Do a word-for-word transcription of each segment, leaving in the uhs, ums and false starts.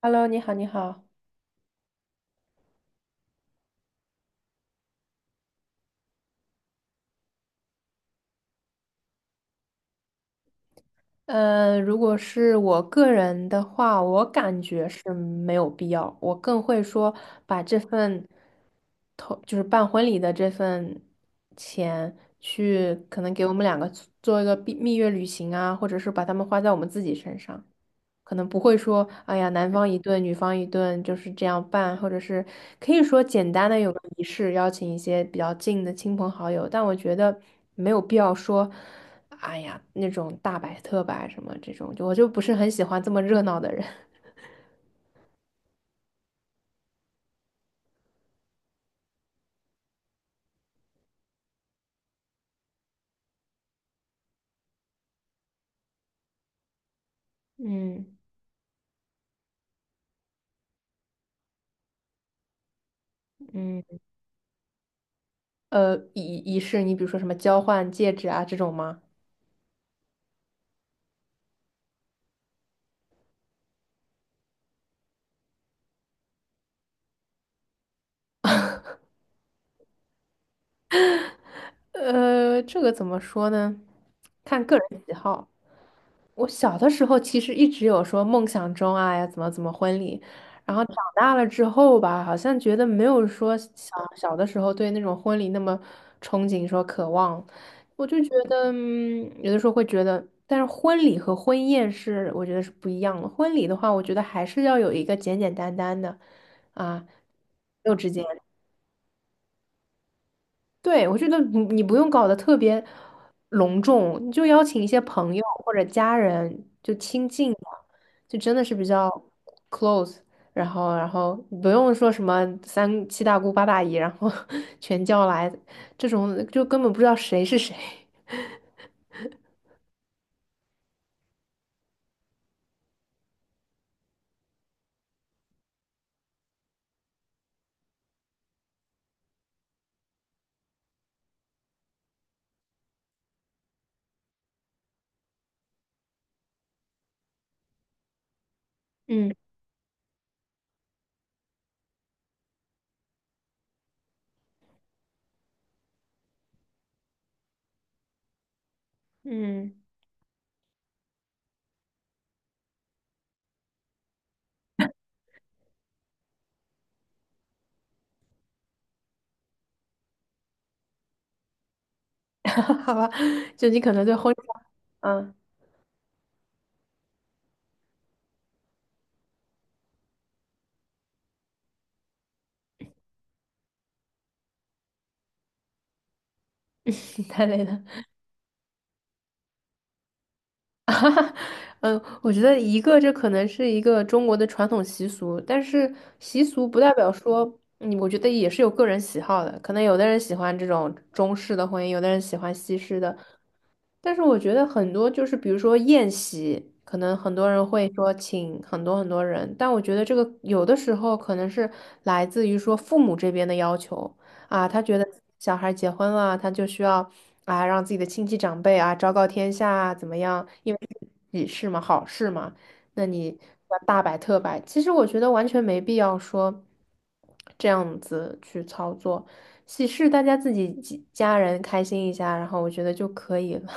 Hello，你好，你好。呃，如果是我个人的话，我感觉是没有必要。我更会说把这份头，就是办婚礼的这份钱，去可能给我们两个做做一个蜜蜜月旅行啊，或者是把它们花在我们自己身上。可能不会说，哎呀，男方一顿，女方一顿，就是这样办，或者是可以说简单的有个仪式，邀请一些比较近的亲朋好友，但我觉得没有必要说，哎呀，那种大摆特摆什么这种，就我就不是很喜欢这么热闹的人。嗯嗯，呃，仪仪式，你比如说什么交换戒指啊这种吗？呃，这个怎么说呢？看个人喜好。我小的时候其实一直有说梦想中啊呀怎么怎么婚礼，然后长大了之后吧，好像觉得没有说小小的时候对那种婚礼那么憧憬说渴望，我就觉得嗯有的时候会觉得，但是婚礼和婚宴是我觉得是不一样的。婚礼的话，我觉得还是要有一个简简单单的啊，肉质简。对，我觉得你你不用搞得特别隆重，你就邀请一些朋友或者家人，就亲近的，就真的是比较 C L O S E。然后，然后不用说什么三七大姑八大姨，然后 全叫来，这种就根本不知道谁是谁。嗯嗯，好吧，就你可能对婚纱，嗯，太累了。嗯，我觉得一个这可能是一个中国的传统习俗，但是习俗不代表说，嗯，我觉得也是有个人喜好的。可能有的人喜欢这种中式的婚姻，有的人喜欢西式的，但是我觉得很多就是，比如说宴席，可能很多人会说请很多很多人，但我觉得这个有的时候可能是来自于说父母这边的要求啊，他觉得小孩结婚了，他就需要啊让自己的亲戚长辈啊昭告天下啊怎么样，因为喜事嘛，好事嘛，那你要大摆特摆，其实我觉得完全没必要说这样子去操作。喜事大家自己几家人开心一下，然后我觉得就可以了。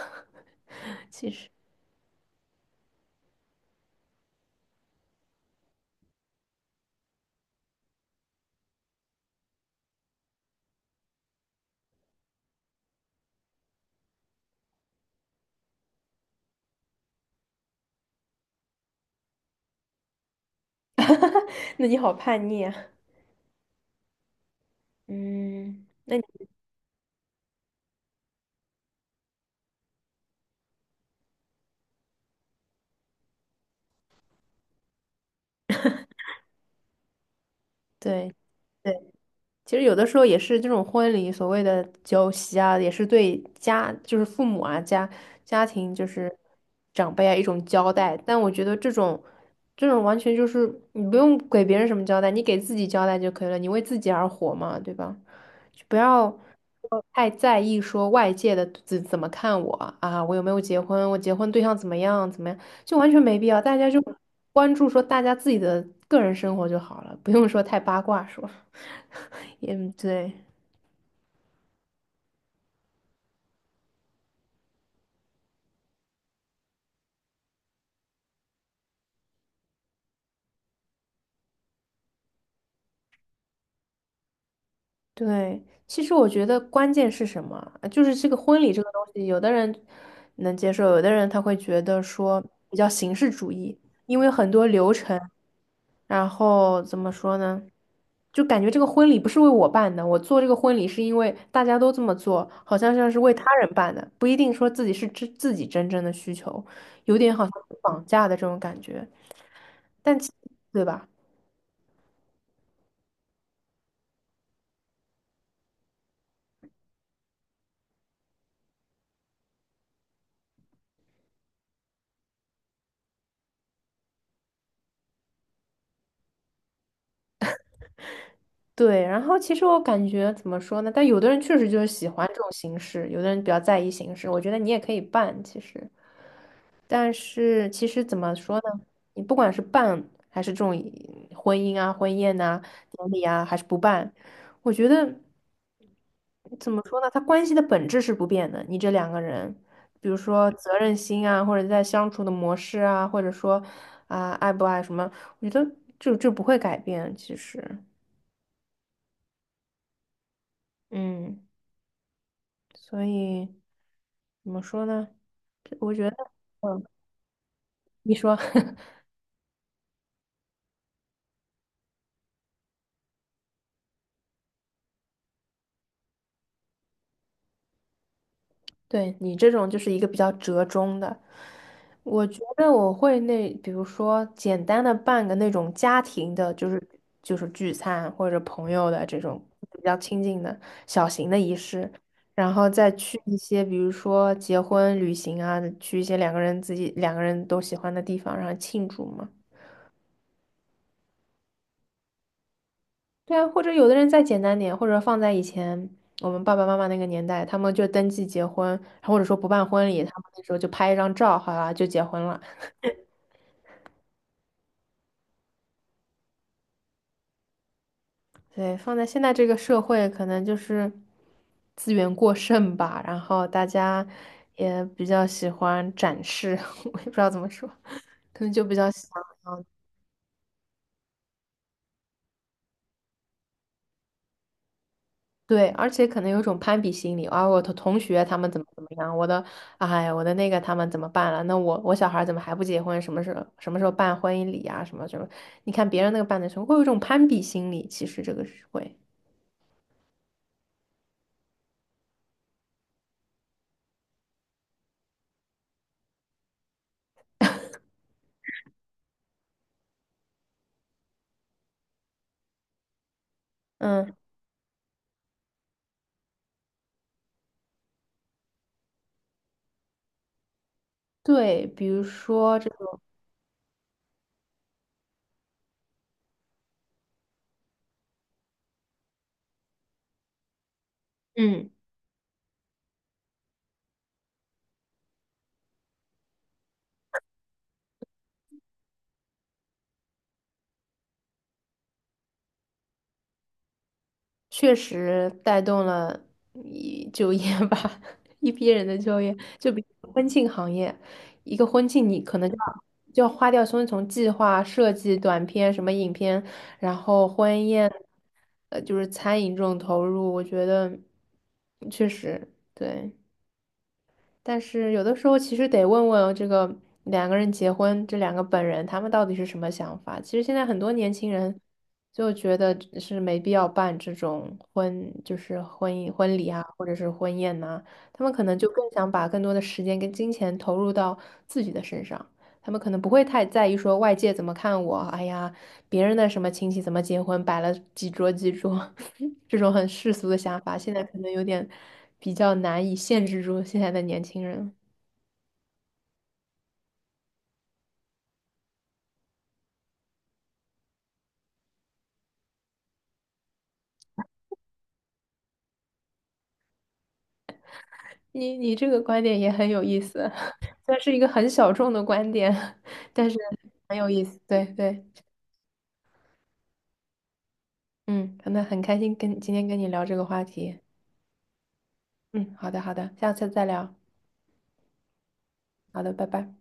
那你好叛逆啊！嗯，那你对。对其实有的时候也是这种婚礼所谓的酒席啊，也是对家就是父母啊家家庭就是长辈啊一种交代。但我觉得这种这种完全就是你不用给别人什么交代，你给自己交代就可以了，你为自己而活嘛，对吧？就不要太在意说外界的怎怎么看我啊，我有没有结婚，我结婚对象怎么样怎么样，就完全没必要。大家就关注说大家自己的个人生活就好了，不用说太八卦说。嗯，对对，其实我觉得关键是什么？呃就是这个婚礼这个东西，有的人能接受，有的人他会觉得说比较形式主义，因为很多流程，然后怎么说呢？就感觉这个婚礼不是为我办的，我做这个婚礼是因为大家都这么做，好像像是为他人办的，不一定说自己是自自己真正的需求，有点好像绑架的这种感觉，但其对吧？对，然后其实我感觉怎么说呢？但有的人确实就是喜欢这种形式，有的人比较在意形式。我觉得你也可以办，其实，但是其实怎么说呢？你不管是办还是这种婚姻啊、婚宴呐、典礼啊，还是不办，我觉得怎么说呢？他关系的本质是不变的。你这两个人，比如说责任心啊，或者在相处的模式啊，或者说啊、爱不爱什么，我觉得就就不会改变。其实，嗯。所以怎么说呢？这我觉得，嗯，你说，对你这种就是一个比较折中的。我觉得我会那，比如说简单的办个那种家庭的，就是就是聚餐或者朋友的这种比较亲近的小型的仪式，然后再去一些比如说结婚旅行啊，去一些两个人自己两个人都喜欢的地方，然后庆祝嘛。对啊，或者有的人再简单点，或者放在以前我们爸爸妈妈那个年代，他们就登记结婚，或者说不办婚礼，他们那时候就拍一张照，好啦，就结婚了。对，放在现在这个社会，可能就是资源过剩吧，然后大家也比较喜欢展示，我也不知道怎么说，可能就比较喜欢。对，而且可能有一种攀比心理啊，我的同学他们怎么怎么样，我的，哎我的那个他们怎么办了？那我我小孩儿怎么还不结婚？什么时候什么时候办婚姻礼啊？什么什么？你看别人那个办的时候，会有一种攀比心理，其实这个是会，嗯，对，比如说这个，嗯。确实带动了一就业吧，一批人的就业。就比如婚庆行业，一个婚庆你可能就要就要花掉从从计划设计、短片、什么影片，然后婚宴，呃，就是餐饮这种投入，我觉得确实对。但是有的时候其实得问问这个两个人结婚，这两个本人他们到底是什么想法。其实现在很多年轻人就觉得是没必要办这种婚，就是婚姻婚礼啊，或者是婚宴呐、他们可能就更想把更多的时间跟金钱投入到自己的身上。他们可能不会太在意说外界怎么看我，哎呀，别人的什么亲戚怎么结婚，摆了几桌几桌，这种很世俗的想法，现在可能有点比较难以限制住现在的年轻人。你你这个观点也很有意思，算是一个很小众的观点，但是很有意思。对对，嗯，那很开心跟今天跟你聊这个话题。嗯，好的好的，下次再聊。好的，拜拜。